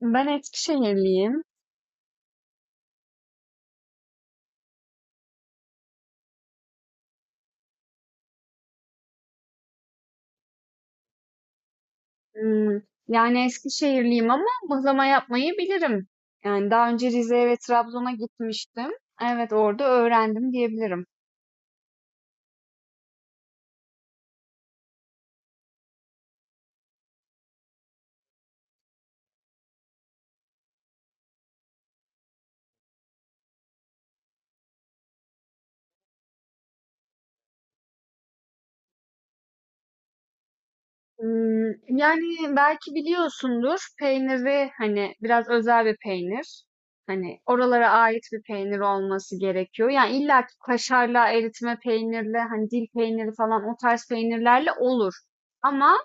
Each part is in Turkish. Ben Eskişehirliyim. Hmm, yani Eskişehirliyim ama mıhlama yapmayı bilirim. Yani daha önce Rize'ye ve Trabzon'a gitmiştim. Evet orada öğrendim diyebilirim. Yani belki biliyorsundur peyniri hani biraz özel bir peynir. Hani oralara ait bir peynir olması gerekiyor. Yani illa ki kaşarla, eritme peynirle, hani dil peyniri falan o tarz peynirlerle olur. Ama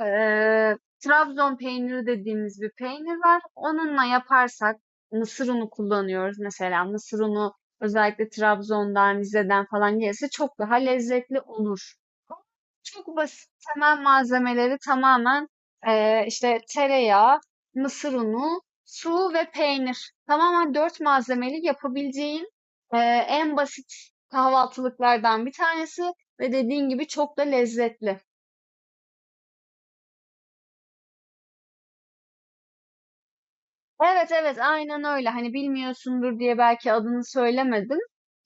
Eee, Trabzon peyniri dediğimiz bir peynir var. Onunla yaparsak mısır unu kullanıyoruz mesela. Mısır unu özellikle Trabzon'dan, Rize'den falan gelirse çok daha lezzetli olur. Çok basit temel malzemeleri tamamen işte tereyağı, mısır unu, su ve peynir. Tamamen dört malzemeli yapabileceğin en basit kahvaltılıklardan bir tanesi ve dediğin gibi çok da lezzetli. Evet, evet, aynen öyle. Hani bilmiyorsundur diye belki adını söylemedim.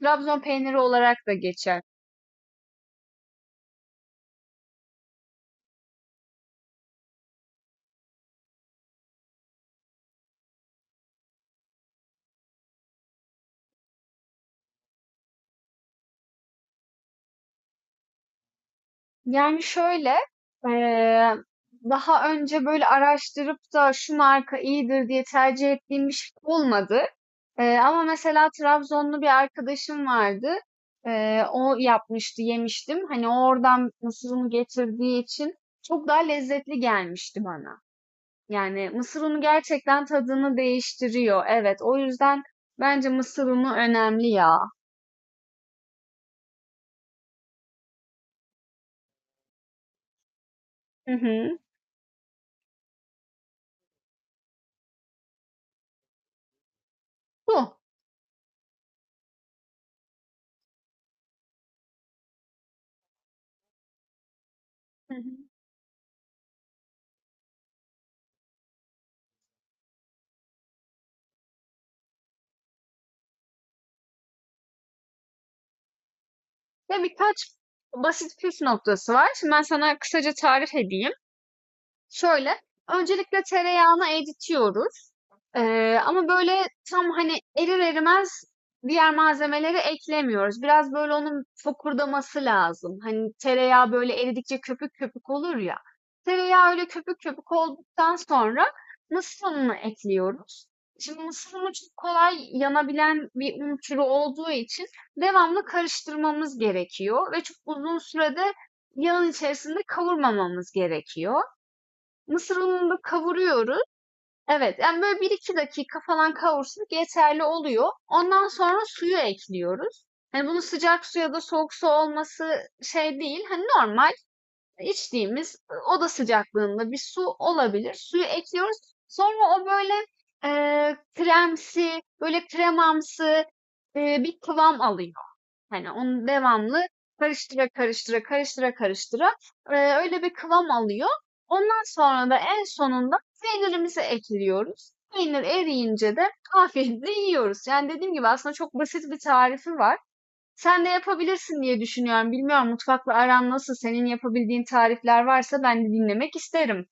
Trabzon peyniri olarak da geçer. Yani şöyle, eee, daha önce böyle araştırıp da şu marka iyidir diye tercih ettiğim bir şey olmadı. Ama mesela Trabzonlu bir arkadaşım vardı. O yapmıştı, yemiştim. Hani oradan mısırını getirdiği için çok daha lezzetli gelmişti bana. Yani mısır unu gerçekten tadını değiştiriyor. Evet, o yüzden bence mısır unu önemli ya. Hı hı. Bu. Hı hı. Ve birkaç basit püf noktası var. Şimdi ben sana kısaca tarif edeyim. Şöyle, öncelikle tereyağını eritiyoruz. Ama böyle tam hani erir erimez diğer malzemeleri eklemiyoruz. Biraz böyle onun fokurdaması lazım. Hani tereyağı böyle eridikçe köpük köpük olur ya. Tereyağı öyle köpük köpük olduktan sonra mısır ununu ekliyoruz. Şimdi mısır unu çok kolay yanabilen bir un türü olduğu için devamlı karıştırmamız gerekiyor ve çok uzun sürede yağın içerisinde kavurmamamız gerekiyor. Mısır ununu kavuruyoruz. Evet, yani böyle bir iki dakika falan kavursak yeterli oluyor. Ondan sonra suyu ekliyoruz. Hani bunu sıcak su ya da soğuk su olması şey değil. Hani normal içtiğimiz oda sıcaklığında bir su olabilir. Suyu ekliyoruz. Sonra o böyle e, kremsi, böyle kremamsı bir kıvam alıyor. Hani onu devamlı karıştıra karıştıra karıştıra karıştıra öyle bir kıvam alıyor. Ondan sonra da en sonunda peynirimizi ekliyoruz. Peynir eriyince de afiyetle yiyoruz. Yani dediğim gibi aslında çok basit bir tarifi var. Sen de yapabilirsin diye düşünüyorum. Bilmiyorum mutfakla aran nasıl? Senin yapabildiğin tarifler varsa ben de dinlemek isterim.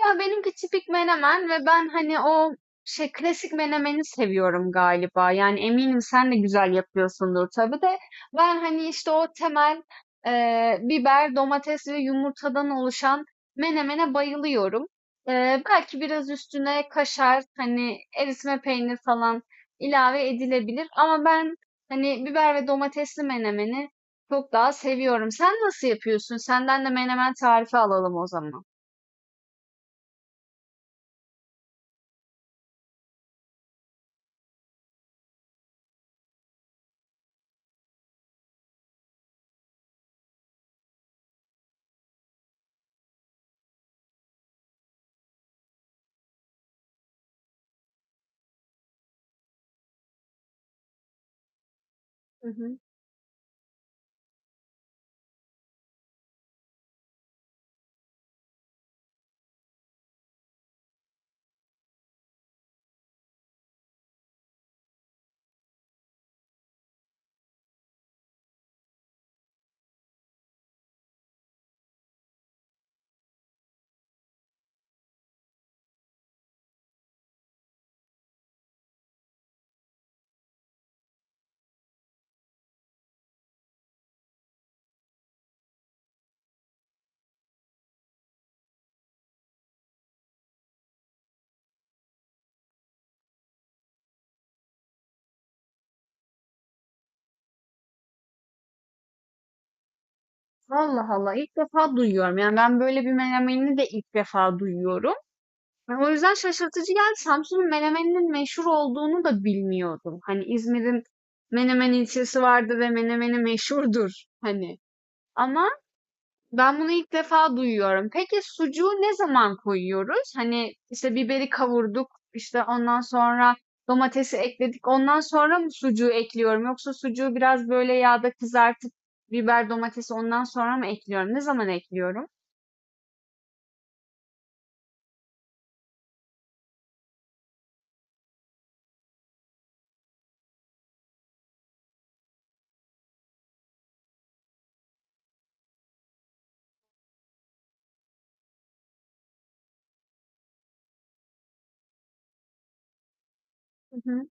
Ya benimki tipik menemen ve ben hani o şey klasik menemeni seviyorum galiba. Yani eminim sen de güzel yapıyorsundur tabii de. Ben hani işte o temel biber, domates ve yumurtadan oluşan menemene bayılıyorum. Belki biraz üstüne kaşar, hani eritme peynir falan ilave edilebilir. Ama ben hani biber ve domatesli menemeni çok daha seviyorum. Sen nasıl yapıyorsun? Senden de menemen tarifi alalım o zaman. Hı hı. Allah Allah ilk defa duyuyorum. Yani ben böyle bir menemeni de ilk defa duyuyorum. O yüzden şaşırtıcı geldi. Samsun'un menemeninin meşhur olduğunu da bilmiyordum. Hani İzmir'in Menemen ilçesi vardı ve menemeni meşhurdur hani. Ama ben bunu ilk defa duyuyorum. Peki sucuğu ne zaman koyuyoruz? Hani işte biberi kavurduk, işte ondan sonra domatesi ekledik. Ondan sonra mı sucuğu ekliyorum? Yoksa sucuğu biraz böyle yağda kızartıp biber domatesi ondan sonra mı ekliyorum? Ne zaman ekliyorum? Hı hı.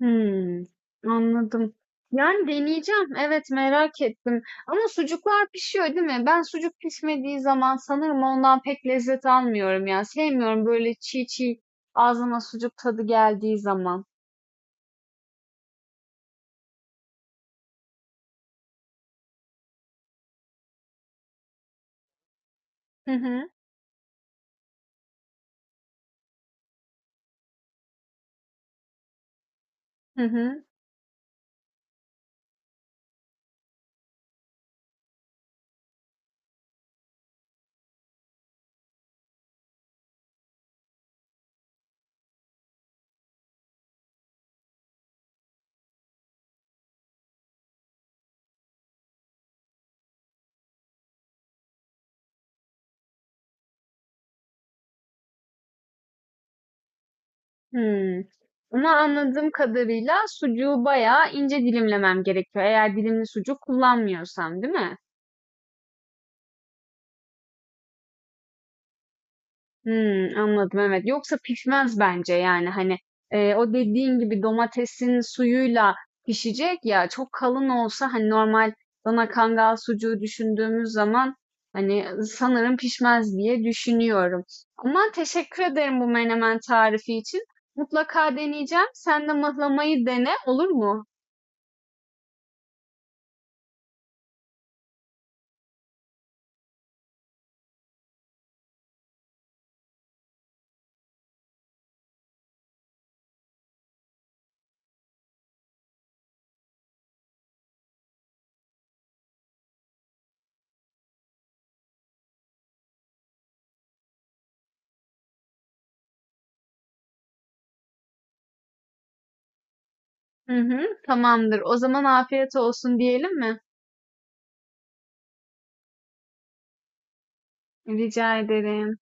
Hmm Anladım. Yani deneyeceğim. Evet, merak ettim ama sucuklar pişiyor, değil mi? Ben sucuk pişmediği zaman sanırım ondan pek lezzet almıyorum ya. Sevmiyorum böyle çiğ çiğ ağzıma sucuk tadı geldiği zaman. Hı hı. Hı hı. Hımm. Ama anladığım kadarıyla sucuğu bayağı ince dilimlemem gerekiyor eğer dilimli sucuk kullanmıyorsam, değil mi? Anladım, evet. Yoksa pişmez bence, yani, hani, o dediğin gibi domatesin suyuyla pişecek ya, çok kalın olsa, hani, normal dana kangal sucuğu düşündüğümüz zaman, hani, sanırım pişmez diye düşünüyorum. Ama teşekkür ederim bu menemen tarifi için. Mutlaka deneyeceğim. Sen de mıhlamayı dene, olur mu? Hı hı, tamamdır. O zaman afiyet olsun diyelim mi? Rica ederim.